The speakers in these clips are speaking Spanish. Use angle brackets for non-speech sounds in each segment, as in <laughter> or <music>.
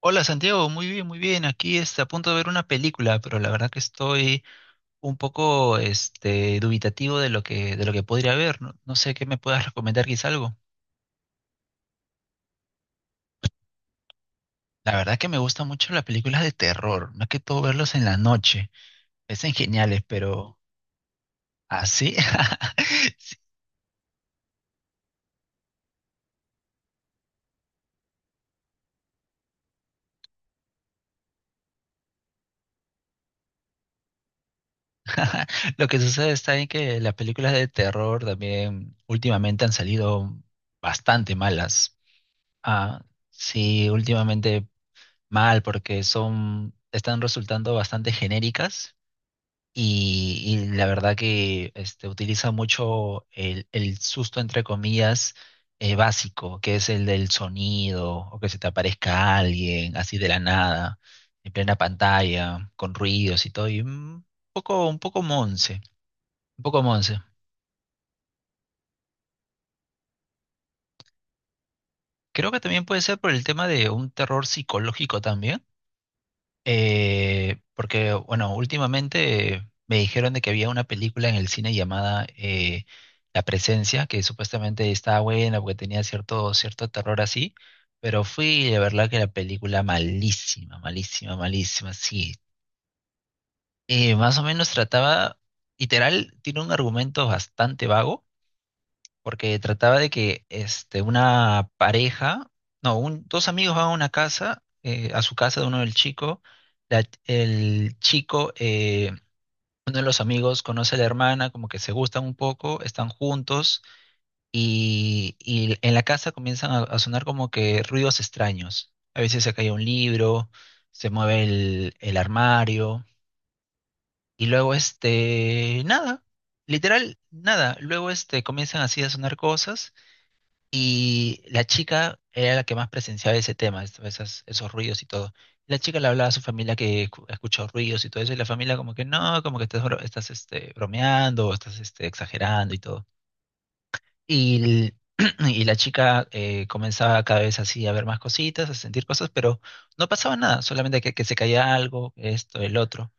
Hola Santiago, muy bien, muy bien. Aquí está a punto de ver una película, pero la verdad que estoy un poco dubitativo de lo que podría ver. No sé qué me puedas recomendar, quizá algo. La verdad que me gustan mucho las películas de terror, más que todo verlos en la noche. Parecen geniales, pero así. <laughs> Lo que sucede está en que las películas de terror también últimamente han salido bastante malas. Ah, sí, últimamente mal, porque son, están resultando bastante genéricas y la verdad que utiliza mucho el susto, entre comillas, básico, que es el del sonido o que se te aparezca alguien así de la nada, en plena pantalla, con ruidos y todo, y un poco monse, un poco monse. Creo que también puede ser por el tema de un terror psicológico también. Porque, bueno, últimamente me dijeron de que había una película en el cine llamada La Presencia, que supuestamente estaba buena porque tenía cierto, cierto terror así, pero fui y de verdad que la película malísima, malísima, malísima, sí. Más o menos trataba, literal, tiene un argumento bastante vago porque trataba de que una pareja, no, dos amigos van a una casa, a su casa de uno del chico, el chico, uno de los amigos conoce a la hermana, como que se gustan un poco, están juntos y en la casa comienzan a sonar como que ruidos extraños. A veces se cae un libro, se mueve el armario y luego nada, literal, nada. Luego comienzan así a sonar cosas. Y la chica era la que más presenciaba ese tema, esas, esos ruidos y todo. La chica le hablaba a su familia que escuchó ruidos y todo eso, y la familia como que no, como que estás, estás bromeando, o estás exagerando y todo. Y, <clears throat> y la chica comenzaba cada vez así a ver más cositas, a sentir cosas, pero no pasaba nada, solamente que se caía algo, esto, el otro.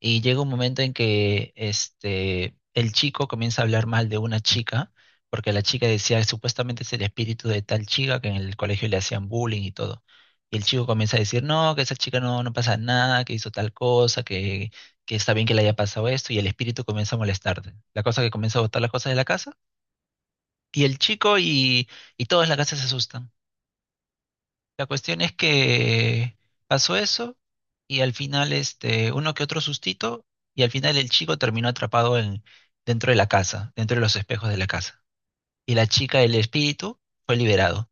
Y llega un momento en que el chico comienza a hablar mal de una chica, porque la chica decía que supuestamente es el espíritu de tal chica que en el colegio le hacían bullying y todo. Y el chico comienza a decir, no, que esa chica no, no pasa nada, que hizo tal cosa, que está bien que le haya pasado esto, y el espíritu comienza a molestarte. La cosa que comienza a botar las cosas de la casa y el chico y todos en la casa se asustan. La cuestión es que pasó eso y al final uno que otro sustito y al final el chico terminó atrapado en, dentro de la casa, dentro de los espejos de la casa. Y la chica, el espíritu, fue liberado.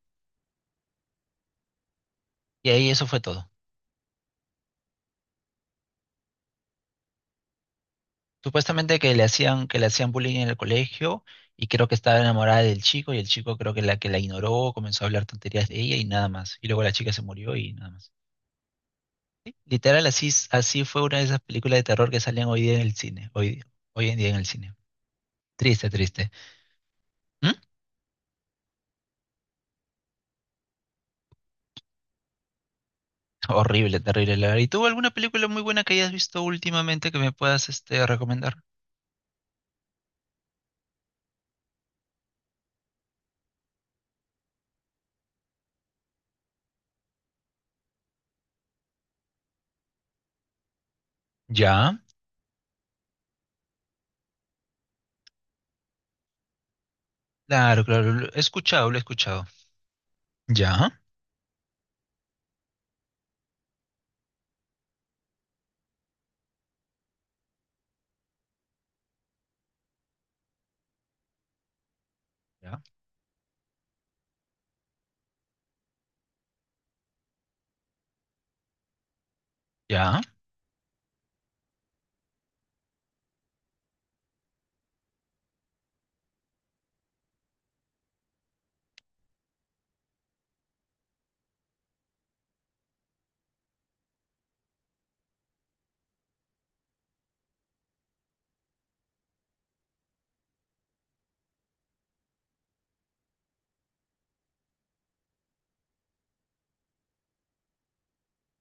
Y ahí eso fue todo. Supuestamente que le hacían bullying en el colegio y creo que estaba enamorada del chico y el chico creo que la ignoró, comenzó a hablar tonterías de ella y nada más. Y luego la chica se murió y nada más. Literal, así, así fue una de esas películas de terror que salían hoy día en el cine. Hoy, hoy en día en el cine. Triste, triste. ¿Mm? Horrible, terrible. La verdad. ¿Y tú alguna película muy buena que hayas visto últimamente que me puedas recomendar? Ya, claro, claro. Lo he escuchado, lo he escuchado. Ya, ya, ya.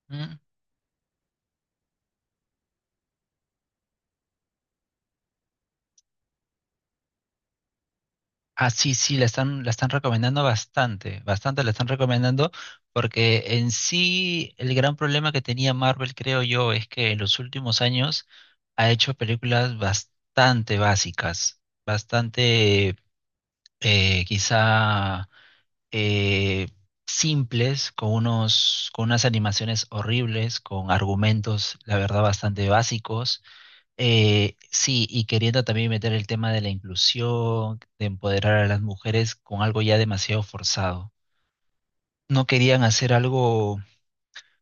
Mm. Ah, sí, sí, la están recomendando bastante, bastante la están recomendando, porque en sí el gran problema que tenía Marvel, creo yo, es que en los últimos años ha hecho películas bastante básicas, bastante quizá eh, simples, con unos, con unas animaciones horribles, con argumentos, la verdad, bastante básicos, sí, y queriendo también meter el tema de la inclusión, de empoderar a las mujeres con algo ya demasiado forzado. No querían hacer algo,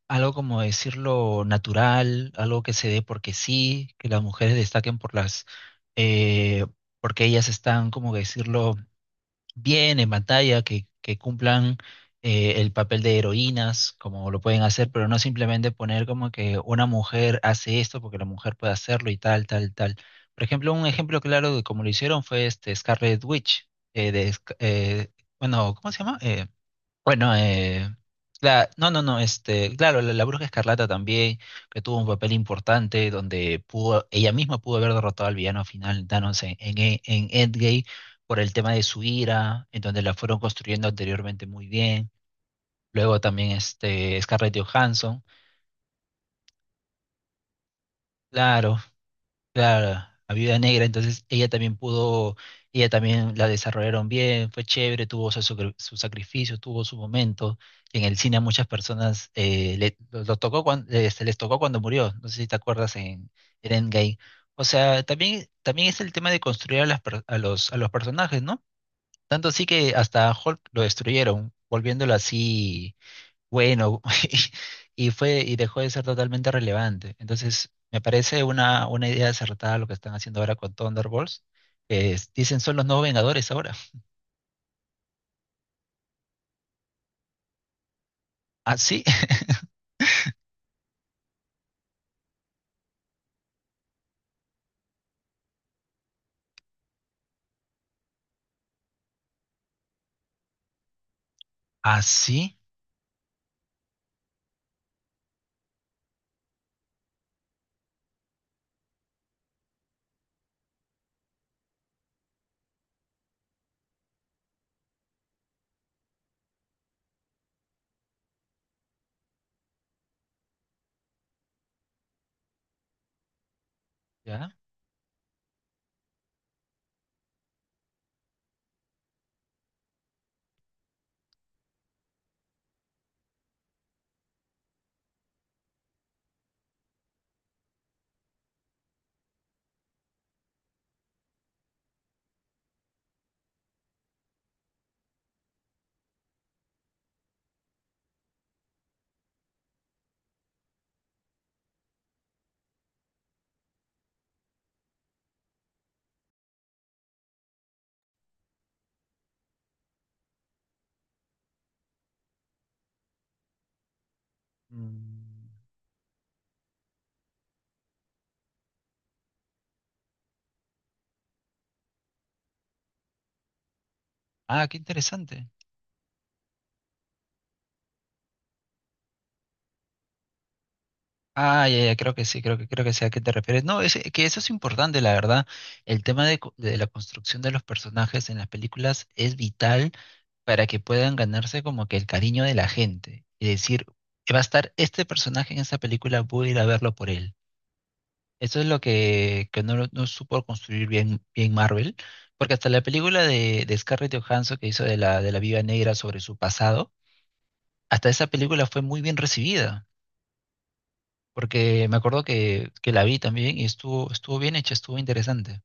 algo como decirlo natural, algo que se dé porque sí, que las mujeres destaquen por las, eh, porque ellas están, como decirlo, bien en pantalla, que cumplan el papel de heroínas, como lo pueden hacer, pero no simplemente poner como que una mujer hace esto porque la mujer puede hacerlo y tal, tal, tal. Por ejemplo, un ejemplo claro de cómo lo hicieron fue este Scarlet Witch, eh, de, Sc- eh, bueno, ¿cómo se llama? Bueno, eh, la, no, no, no, claro, la, la Bruja Escarlata también, que tuvo un papel importante donde pudo, ella misma pudo haber derrotado al villano final, Thanos, en, en Endgame, por el tema de su ira, en donde la fueron construyendo anteriormente muy bien. Luego también Scarlett Johansson, claro, claro, a Viuda Negra, entonces ella también pudo, ella también la desarrollaron bien, fue chévere, tuvo su, su sacrificio, tuvo su momento. Y en el cine a muchas personas lo tocó cuando, se les tocó cuando murió, no sé si te acuerdas en Endgame. O sea, también, también es el tema de construir a, a los personajes, ¿no? Tanto así que hasta Hulk lo destruyeron, volviéndolo así bueno, <laughs> y fue, y dejó de ser totalmente relevante. Entonces, me parece una idea acertada lo que están haciendo ahora con Thunderbolts, dicen son los nuevos Vengadores ahora. ¿Ah, sí? <laughs> ¿Ah, sí? ¿Ya? Mm. Ah, qué interesante. Ah, ya, ya, creo que sí, creo que sé a qué te refieres. No, es que eso es importante, la verdad. El tema de, de la construcción de los personajes en las películas es vital para que puedan ganarse como que el cariño de la gente. Y decir, va a estar este personaje en esta película, voy a ir a verlo por él. Eso es lo que no, no supo construir bien, bien Marvel, porque hasta la película de Scarlett Johansson que hizo de la Viuda Negra sobre su pasado, hasta esa película fue muy bien recibida porque me acuerdo que la vi también y estuvo, estuvo bien hecha, estuvo interesante.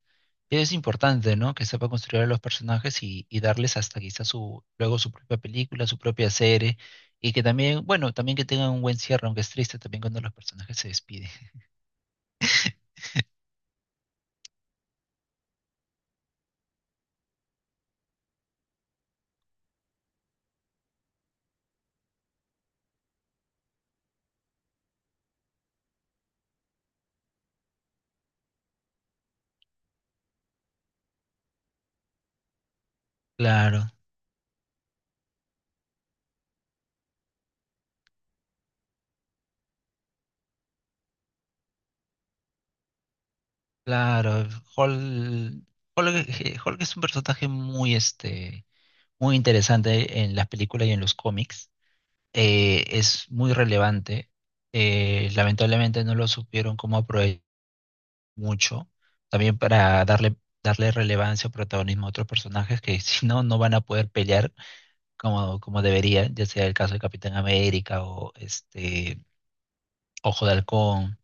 Es importante, ¿no? Que sepa construir a los personajes y darles hasta quizás su, luego su propia película, su propia serie, y que también, bueno, también que tengan un buen cierre, aunque es triste también cuando los personajes se despiden. <laughs> Claro, claro. Hall, Hulk, Hulk es un personaje muy, muy interesante en las películas y en los cómics. Es muy relevante. Lamentablemente no lo supieron cómo aprovechar mucho, también para darle, darle relevancia o protagonismo a otros personajes que <laughs> si no, no van a poder pelear como, como deberían, ya sea el caso de Capitán América o este Ojo de Halcón,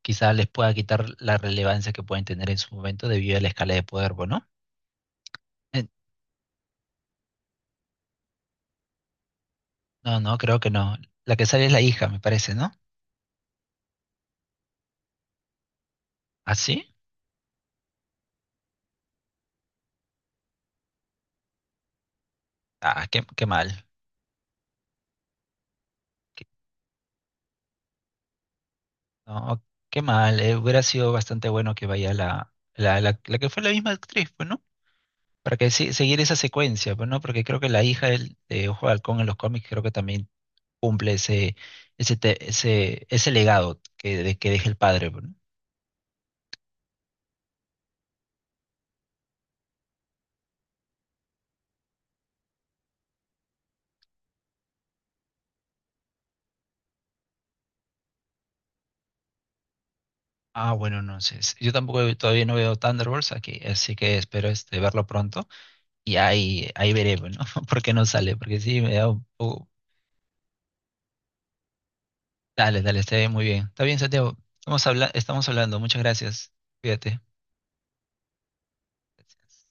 quizás les pueda quitar la relevancia que pueden tener en su momento debido a la escala de poder, ¿no? Eh, no, no, creo que no. La que sale es la hija, me parece, ¿no? ¿Ah, sí? Ah, qué, qué mal. Qué- no, qué mal. Hubiera sido bastante bueno que vaya la, la, la que fue la misma actriz, pues, ¿no? Para que seguir esa secuencia, pues, ¿no? Porque creo que la hija de Ojo de Halcón en los cómics creo que también cumple ese, ese, ese, ese legado que, de, que deja el padre, pues, ¿no? Ah, bueno, no sé. Yo tampoco todavía no veo Thunderbolts aquí, así que espero verlo pronto y ahí, ahí veré, pues, ¿no? <laughs> Porque no sale, porque sí me da un poco... Dale, dale, está bien, muy bien. Está bien, Santiago. Estamos estamos hablando. Muchas gracias. Cuídate. Gracias.